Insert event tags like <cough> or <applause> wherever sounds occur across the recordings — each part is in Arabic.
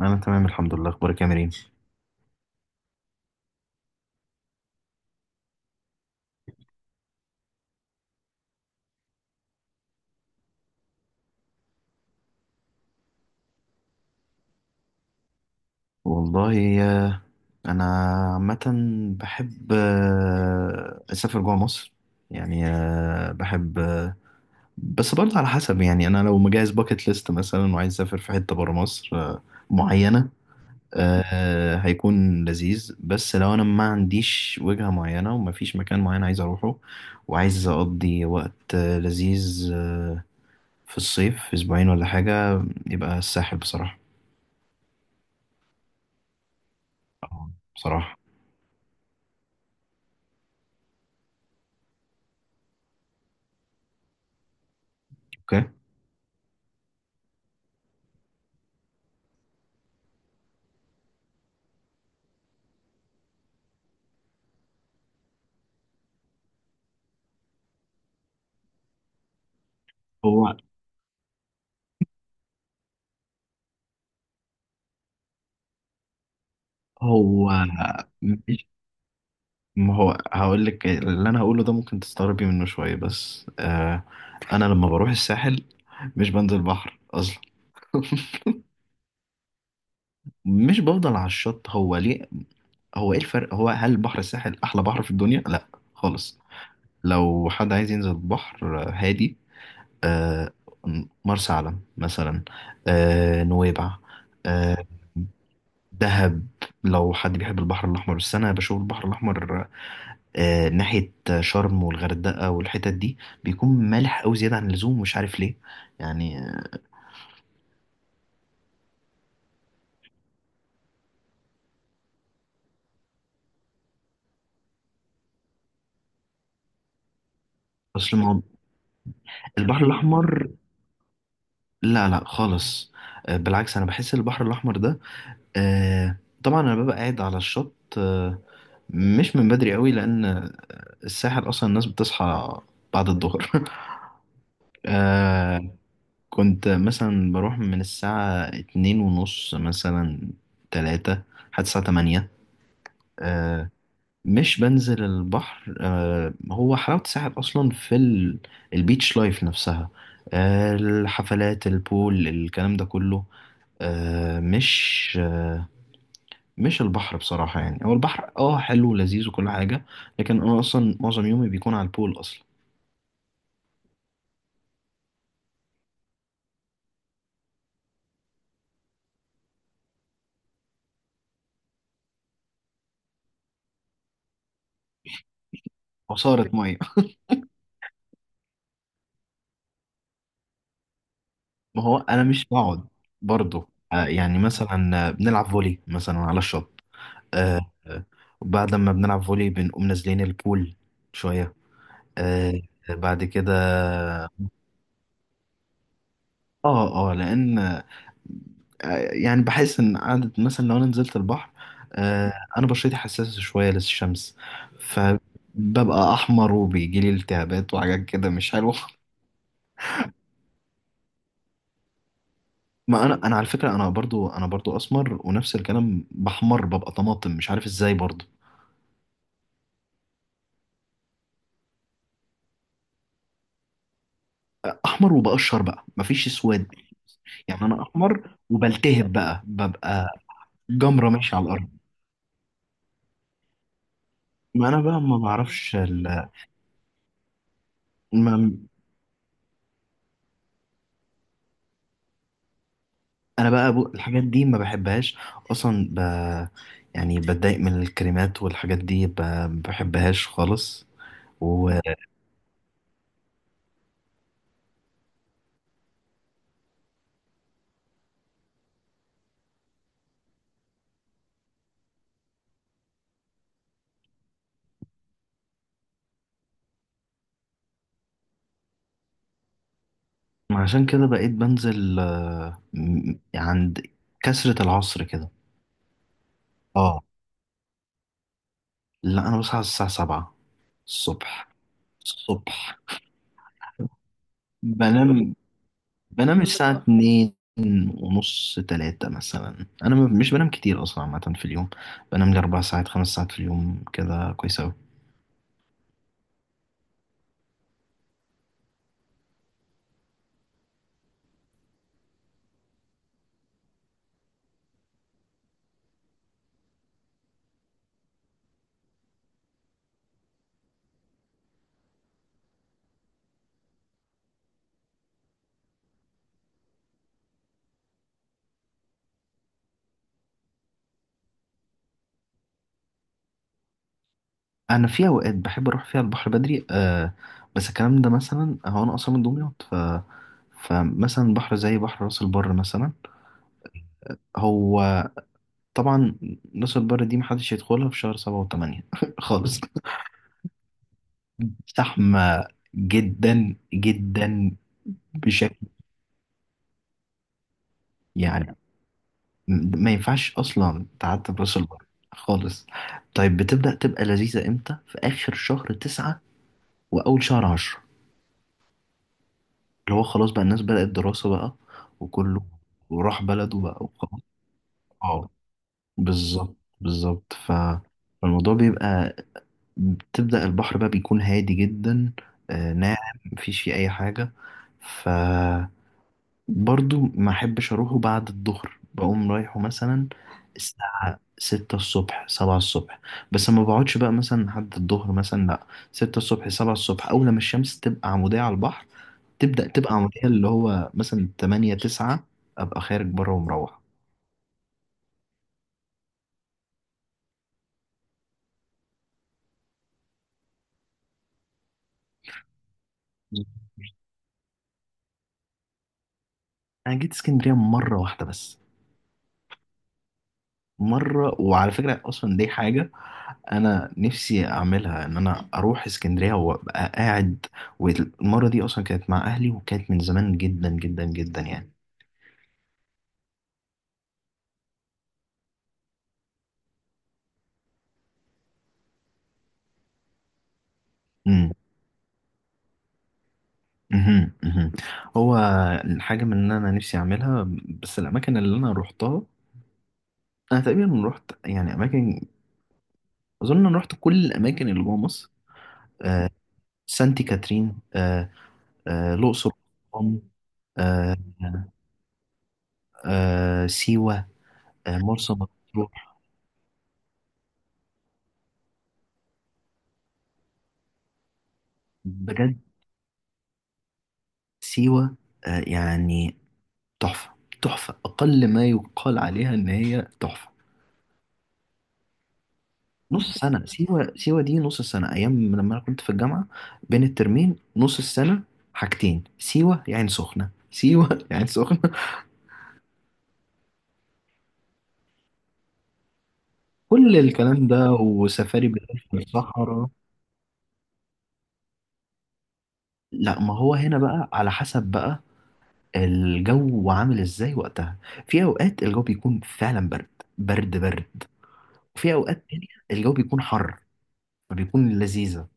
انا تمام الحمد لله. اخبارك يا مريم؟ والله انا عامه بحب اسافر جوه مصر. يعني آه، بحب آه، بس برضه على حسب، يعني انا لو مجهز باكت ليست مثلا وعايز اسافر في حته بره مصر معينه، هيكون لذيذ. بس لو انا ما عنديش وجهه معينه ومفيش مكان معين عايز اروحه وعايز اقضي وقت لذيذ في الصيف في اسبوعين ولا حاجه، يبقى الساحل بصراحه. بصراحه اوكي. هو هو مش ما هو هقول لك اللي انا هقوله ده ممكن تستغربي منه شويه، بس آه انا لما بروح الساحل مش بنزل بحر اصلا. <laughs> مش بفضل على الشط. هو ليه؟ هو ايه الفرق؟ هو هل بحر الساحل احلى بحر في الدنيا؟ لا خالص. لو حد عايز ينزل بحر هادي، آه مرسى علم مثلا، آه نويبع، آه دهب. لو حد بيحب البحر الاحمر، بس انا بشوف البحر الاحمر ناحية شرم والغردقة والحتت دي بيكون مالح أوي زيادة عن اللزوم، مش عارف ليه. يعني آه، أصل ما هو البحر الأحمر لا لا خالص. بالعكس أنا بحس البحر الأحمر ده آه، طبعا أنا ببقى قاعد على الشط مش من بدري قوي، لأن الساحل أصلا الناس بتصحى بعد الظهر. <laughs> آه، كنت مثلا بروح من الساعة اتنين ونص مثلا، تلاتة، لحد الساعة تمانية. آه، مش بنزل البحر. هو حلاوة الساحل أصلا في البيتش لايف نفسها، الحفلات البول الكلام ده كله، آه، مش آه، مش البحر بصراحة. يعني هو البحر اه حلو ولذيذ وكل حاجة، لكن أنا أصلا معظم يومي بيكون على البول أصلا. عصارة مية. <laughs> ما هو أنا مش بقعد برضه، يعني مثلا بنلعب فولي مثلا على الشط. آه، آه، وبعد ما بنلعب فولي بنقوم نازلين البول شوية، آه، بعد كده. اه اه، لان يعني بحس ان قعدة مثلا لو انا نزلت البحر، انا بشرتي حساسة شوية للشمس، فببقى احمر وبيجي لي التهابات وحاجات كده مش حلوة. <laughs> ما انا على فكرة انا برضو اسمر ونفس الكلام، بحمر ببقى طماطم مش عارف ازاي برضو. احمر وبقشر بقى، مفيش اسود. يعني انا احمر وبلتهب بقى، ببقى جمرة ماشية على الارض. ما انا بقى ما بعرفش ال... ما انا بقى الحاجات دي ما بحبهاش اصلا. يعني بتضايق من الكريمات والحاجات دي، ما بحبهاش خالص. وعشان <laughs> كده بقيت بنزل عند كسرة العصر كده. اه لا انا بصحى الساعة 7 الصبح. الصبح بنام. بنام الساعة 2 ونص تلاتة مثلا. مش بنام كتير أصلا عامة في اليوم. بنام لي أربع ساعات خمس ساعات في اليوم كده كويس. انا في اوقات بحب اروح فيها البحر بدري آه، بس الكلام ده مثلا، هو انا اصلا من دمياط، ف فمثلا بحر زي بحر راس البر مثلا. هو طبعا راس البر دي محدش يدخلها في شهر سبعة وثمانية <laughs> خالص. زحمة جدا جدا بشكل، يعني ما ينفعش اصلا تعدي راس البر خالص. طيب بتبدأ تبقى لذيذة امتى؟ في اخر شهر تسعة واول شهر عشرة، اللي هو خلاص بقى الناس بدأت دراسة بقى وكله وراح بلده بقى وخلاص. اه بالظبط بالظبط. فالموضوع بيبقى، بتبدأ البحر بقى بيكون هادي جدا، ناعم مفيش فيه أي حاجة. ف برضو ما احبش اروحه بعد الظهر. بقوم رايحه مثلا الساعة ستة الصبح سبعة الصبح، بس ما بقعدش بقى مثلا لحد الظهر مثلا، لا. ستة الصبح سبعة الصبح، أول لما الشمس تبقى عمودية على البحر تبدأ تبقى عمودية، اللي هو مثلا تمانية تسعة، أبقى خارج بره ومروح. أنا جيت اسكندرية مرة واحدة بس. مرة، وعلى فكرة أصلا دي حاجة أنا نفسي أعملها، إن أنا أروح اسكندرية وأبقى قاعد. والمرة دي أصلا كانت مع أهلي وكانت من زمان جدا جدا جدا يعني. امم امم. هو الحاجة من إن أنا نفسي أعملها، بس الأماكن اللي أنا روحتها، أنا تقريبا روحت يعني أماكن، أظن أنا روحت كل الأماكن اللي جوه مصر. آه سانتي كاترين، آه آه الأقصر وأسوان، آه آه سيوة آه مرسى مطروح. بجد سيوة يعني تحفة. تحفة أقل ما يقال عليها إن هي تحفة. نص سنة. سيوة، سيوة دي نص سنة أيام لما أنا كنت في الجامعة، بين الترمين نص السنة. حاجتين، سيوة يا عين سخنة، سيوة <laughs> يا عين سخنة. كل الكلام ده وسفاري بالليل في الصحراء. لا ما هو هنا بقى على حسب بقى الجو عامل إزاي وقتها. في أوقات الجو بيكون فعلا برد، برد. وفي أوقات تانية الجو بيكون حر، فبيكون لذيذة.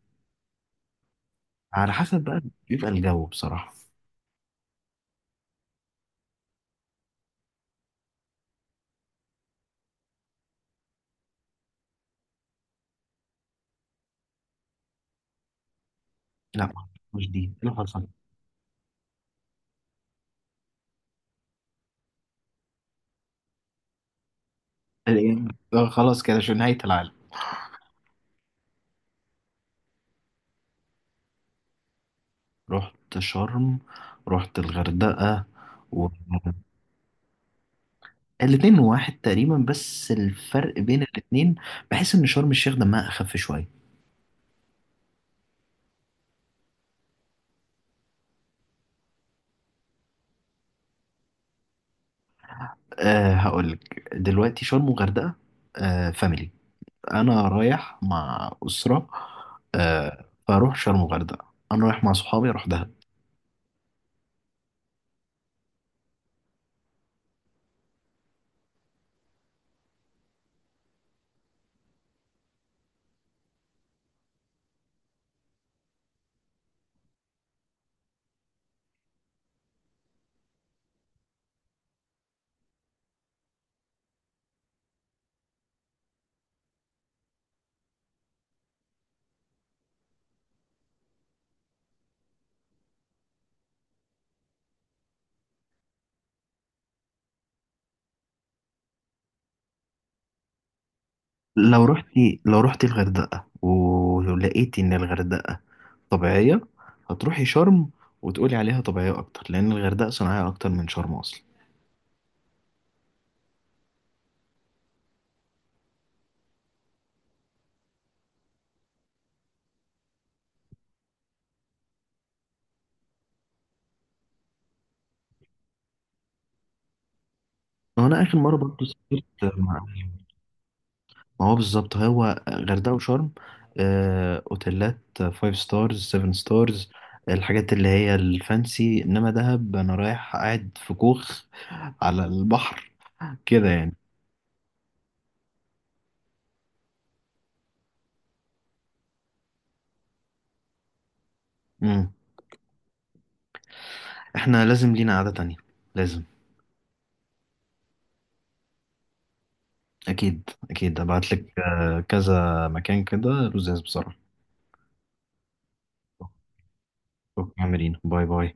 على حسب بقى، بيبقى الجو بصراحة. لا مش دي. ايه اللي حصل؟ الإيه؟ خلاص كده شو نهاية العالم. رحت شرم، رحت الغردقة و... الاتنين واحد تقريبا، بس الفرق بين الاتنين، بحس ان شرم الشيخ دمها اخف شوية. أه هقولك دلوقتي، شرم وغردقة أه فاميلي، انا رايح مع اسرة، أه فاروح شرم وغردقة. انا رايح مع صحابي، اروح دهب. لو رحتي الغردقة ولقيتي إن الغردقة طبيعية، هتروحي شرم وتقولي عليها طبيعية أكتر، لأن الغردقة صناعية أكتر من شرم أصلا. وأنا آخر مرة برضه سافرت مع، ما هو بالظبط هو غردقة وشرم أوتيلات فايف ستارز سيفن ستارز، الحاجات اللي هي الفانسي. إنما دهب أنا رايح قاعد في كوخ على البحر كده يعني. مم. إحنا لازم لينا قعدة تانية. لازم. اكيد اكيد ابعت لك كذا مكان كده لزاز بصراحه. اوكي، عاملين باي باي.